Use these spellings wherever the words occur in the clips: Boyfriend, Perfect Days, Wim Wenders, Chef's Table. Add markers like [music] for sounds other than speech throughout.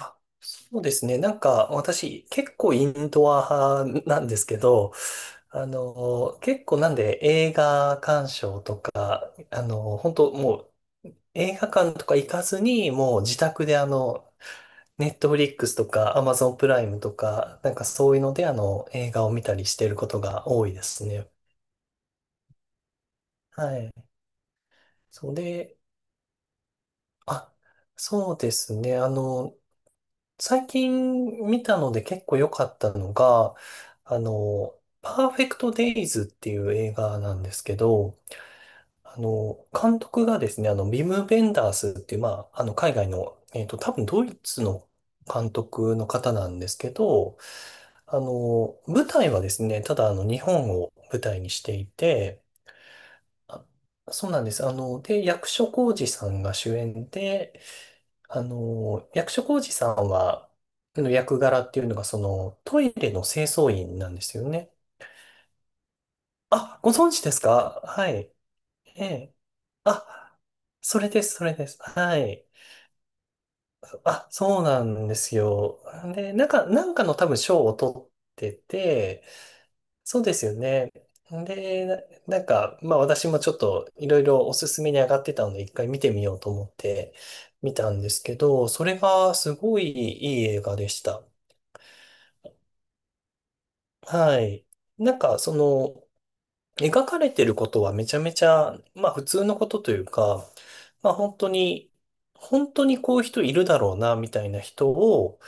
あそうですね。なんか私結構インドア派なんですけど、結構なんで映画鑑賞とか、本当もう映画館とか行かずに、もう自宅でネットフリックスとかアマゾンプライムとか、なんかそういうので映画を見たりしてることが多いですね。はい。それで、あ、そうですね。最近見たので結構良かったのが、パーフェクトデイズっていう映画なんですけど、監督がですね、ビム・ベンダースっていう、まあ、海外の、多分ドイツの監督の方なんですけど、舞台はですね、ただ日本を舞台にしていて、あそうなんです。で、役所広司さんが主演で、役所広司さんは、の役柄っていうのが、その、トイレの清掃員なんですよね。あ、ご存知ですか？はい。ええ。あ、それです、それです。はい。あ、そうなんですよ。で、なんかの多分賞を取ってて、そうですよね。で、なんか、まあ私もちょっといろいろおすすめに上がってたので、一回見てみようと思って見たんですけど、それがすごいいい映画でした。はい。なんか、その、描かれてることはめちゃめちゃ、まあ普通のことというか、まあ本当に、本当にこういう人いるだろうな、みたいな人を、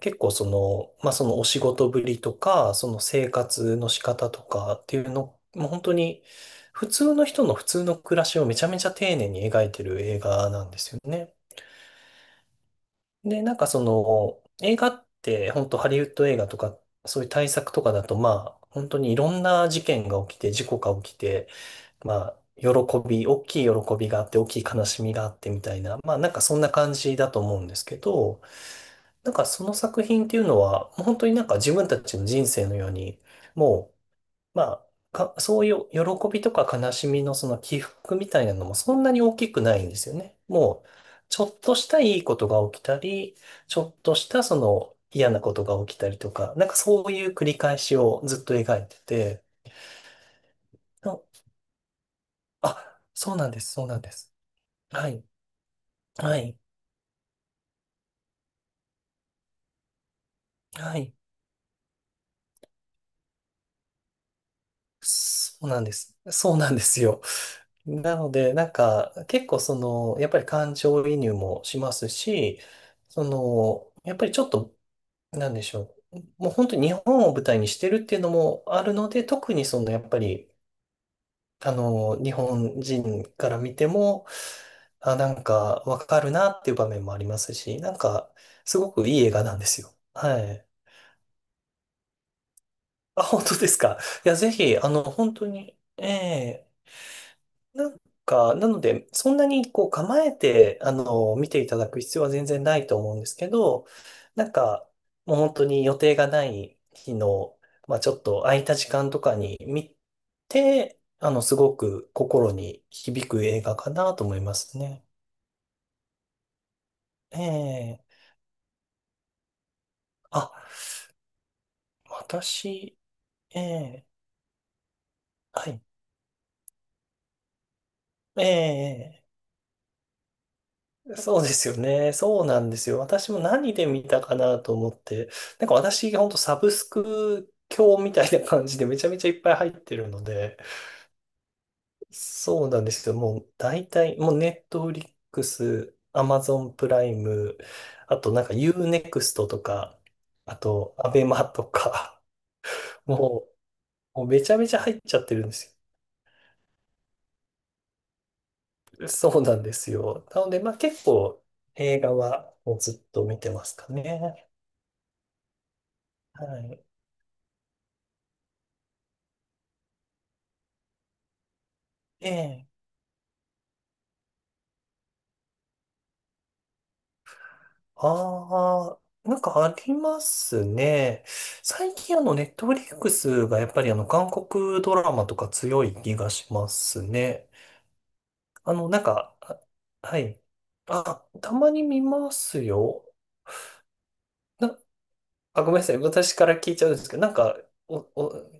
結構その、まあそのお仕事ぶりとか、その生活の仕方とかっていうの、もう本当に、普通の人の普通の暮らしをめちゃめちゃ丁寧に描いてる映画なんですよね。で、なんかその、映画って、本当ハリウッド映画とか、そういう大作とかだと、まあ、本当にいろんな事件が起きて、事故が起きて、まあ、大きい喜びがあって、大きい悲しみがあってみたいな、まあ、なんかそんな感じだと思うんですけど、なんかその作品っていうのは、もう本当になんか自分たちの人生のように、もうまあ、そういう喜びとか悲しみのその起伏みたいなのもそんなに大きくないんですよね。もう、ちょっとしたいいことが起きたり、ちょっとしたその嫌なことが起きたりとか、なんかそういう繰り返しをずっと描いてて、あ、あそうなんです、そうなんです。はい、はい、はい。そうなんです。そうなんですよ。なので、なんか、結構その、やっぱり感情移入もしますし、その、やっぱりちょっとなんでしょう。もう本当に日本を舞台にしてるっていうのもあるので、特にそのやっぱり、日本人から見ても、あ、なんかわかるなっていう場面もありますし、なんかすごくいい映画なんですよ。はい。あ、本当ですか。いや、ぜひ、本当に、ええなんか、なので、そんなにこう構えて、見ていただく必要は全然ないと思うんですけど、なんか、もう本当に予定がない日の、まあちょっと空いた時間とかに見て、すごく心に響く映画かなと思いますね。ええあ、私、ええはい。ええそうですよね。そうなんですよ。私も何で見たかなと思って、なんか私が本当サブスク教みたいな感じでめちゃめちゃいっぱい入ってるので、そうなんですよ。もう大体、もうネットフリックス、アマゾンプライム、あとなんか U-NEXT とか、あとアベマとか、ももうめちゃめちゃ入っちゃってるんですよ。そうなんですよ。なので、まあ結構映画はもうずっと見てますかね。はい。ええああ、なんかありますね。最近ネットフリックスがやっぱり韓国ドラマとか強い気がしますね。なんか、あはい。あ、たまに見ますよ。な、あ、ごめんなさい。私から聞いちゃうんですけど、なんか、お、お、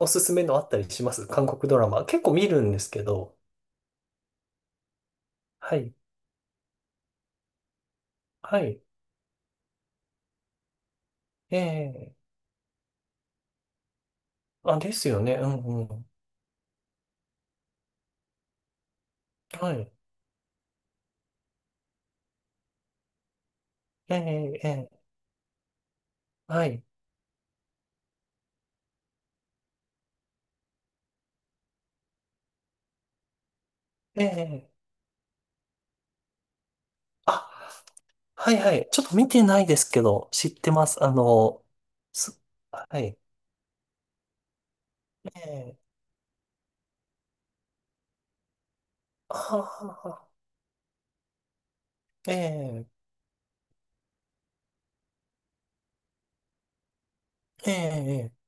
おすすめのあったりします韓国ドラマ？結構見るんですけど。はい。はい。ええあ、ですよね。うんうん。はい。ええええはい。ええあはいはい。ちょっと見てないですけど、知ってます。す、はい。ええああ、ええええええ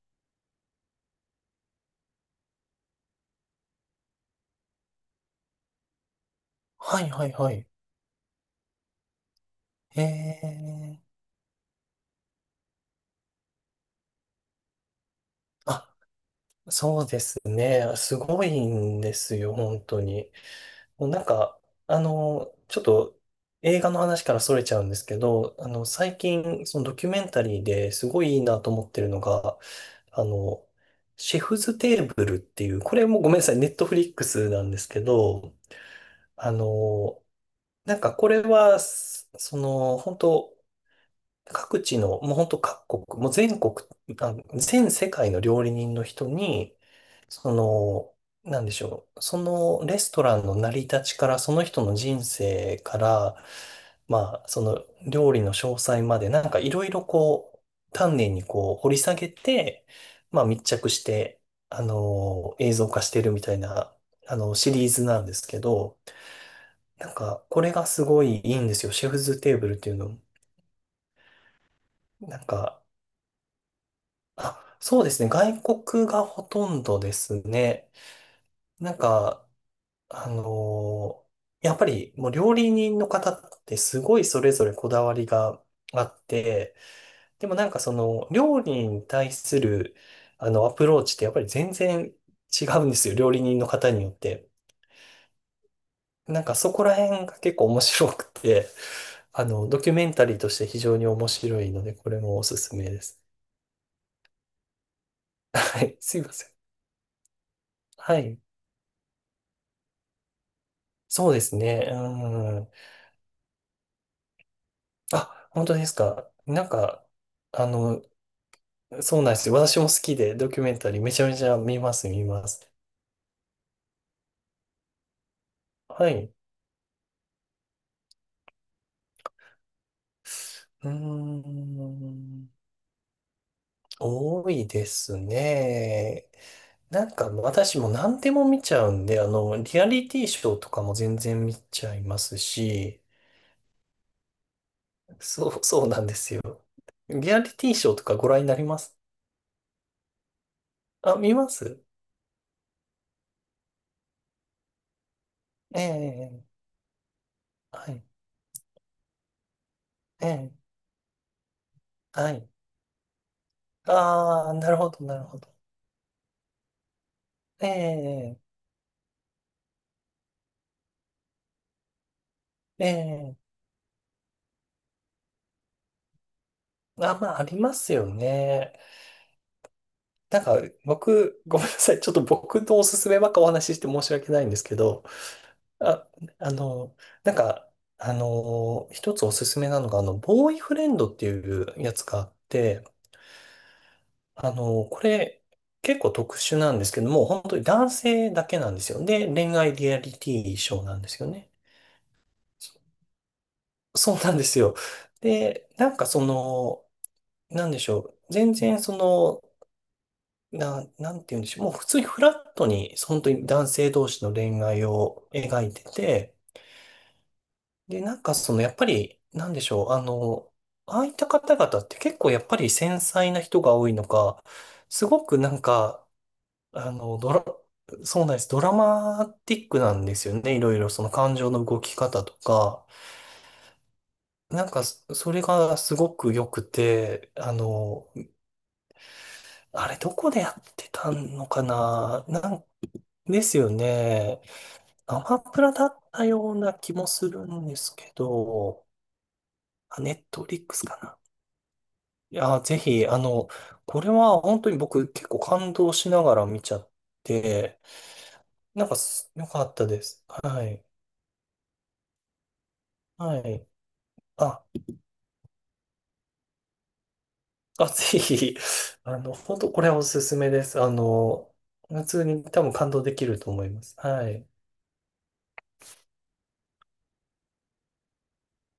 はいはいはい。ええあ、そうですね。すごいんですよ、本当に。なんか、ちょっと映画の話から逸れちゃうんですけど、最近、そのドキュメンタリーですごいいいなと思ってるのが、あの、シェフズテーブルっていう、これもごめんなさい、ネットフリックスなんですけど、あの、なんかこれは、その、本当各地の、もう本当各国、もう全国、あ、全世界の料理人の人に、その、なんでしょう、そのレストランの成り立ちから、その人の人生から、まあ、その料理の詳細まで、なんかいろいろこう、丹念にこう掘り下げて、まあ密着して、映像化してるみたいな、シリーズなんですけど、なんか、これがすごいいいんですよ。シェフズテーブルっていうの。なんか、あ、そうですね。外国がほとんどですね。なんか、あのーやっぱりもう料理人の方ってすごいそれぞれこだわりがあって、でもなんかその料理に対するあのアプローチってやっぱり全然違うんですよ。料理人の方によって。なんかそこら辺が結構面白くて、ドキュメンタリーとして非常に面白いので、これもおすすめです。はい。すいません。はい。そうですね。うん。あ、本当ですか。なんか、あの、そうなんですよ。私も好きで、ドキュメンタリーめちゃめちゃ見ます、見ます。はい。うーん。多いですね。なんか、私も何でも見ちゃうんで、リアリティショーとかも全然見ちゃいますし、そう、そうなんですよ。リアリティショーとかご覧になります？あ、見ますええ、はい、ええ、はい。ああ、なるほど、なるほど。ええ、ええ。あ、まあ、ありますよね。なんか、僕、[laughs] ごめんなさい。ちょっと僕のおすすめばっかお話しして申し訳ないんですけど、あ、あの、なんか、一つおすすめなのが、ボーイフレンドっていうやつがあって、これ、結構特殊なんですけども、本当に男性だけなんですよ。で、恋愛リアリティショーなんですよね。そ [laughs] うなんですよ。で、なんかその、なんでしょう。全然その、なんて言うんでしょう。もう普通にフラットに、本当に男性同士の恋愛を描いてて、で、なんかその、やっぱり、なんでしょう。ああいった方々って結構やっぱり繊細な人が多いのか、すごくなんか、あの、ドラ、そうなんです。ドラマティックなんですよね。いろいろその感情の動き方とか。なんか、それがすごく良くて、あれどこでやってたのかな、なんですよね。アマプラだったような気もするんですけど、あ、ネットフリックスかな。いや、ぜひ、これは本当に僕結構感動しながら見ちゃって、なんか良かったです。はい。はい。あ、あ、ぜひ、本当これはおすすめです。普通に多分感動できると思います。はい。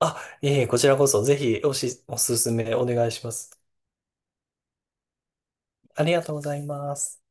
あ、いえいえ、こちらこそぜひおすすめお願いします。ありがとうございます。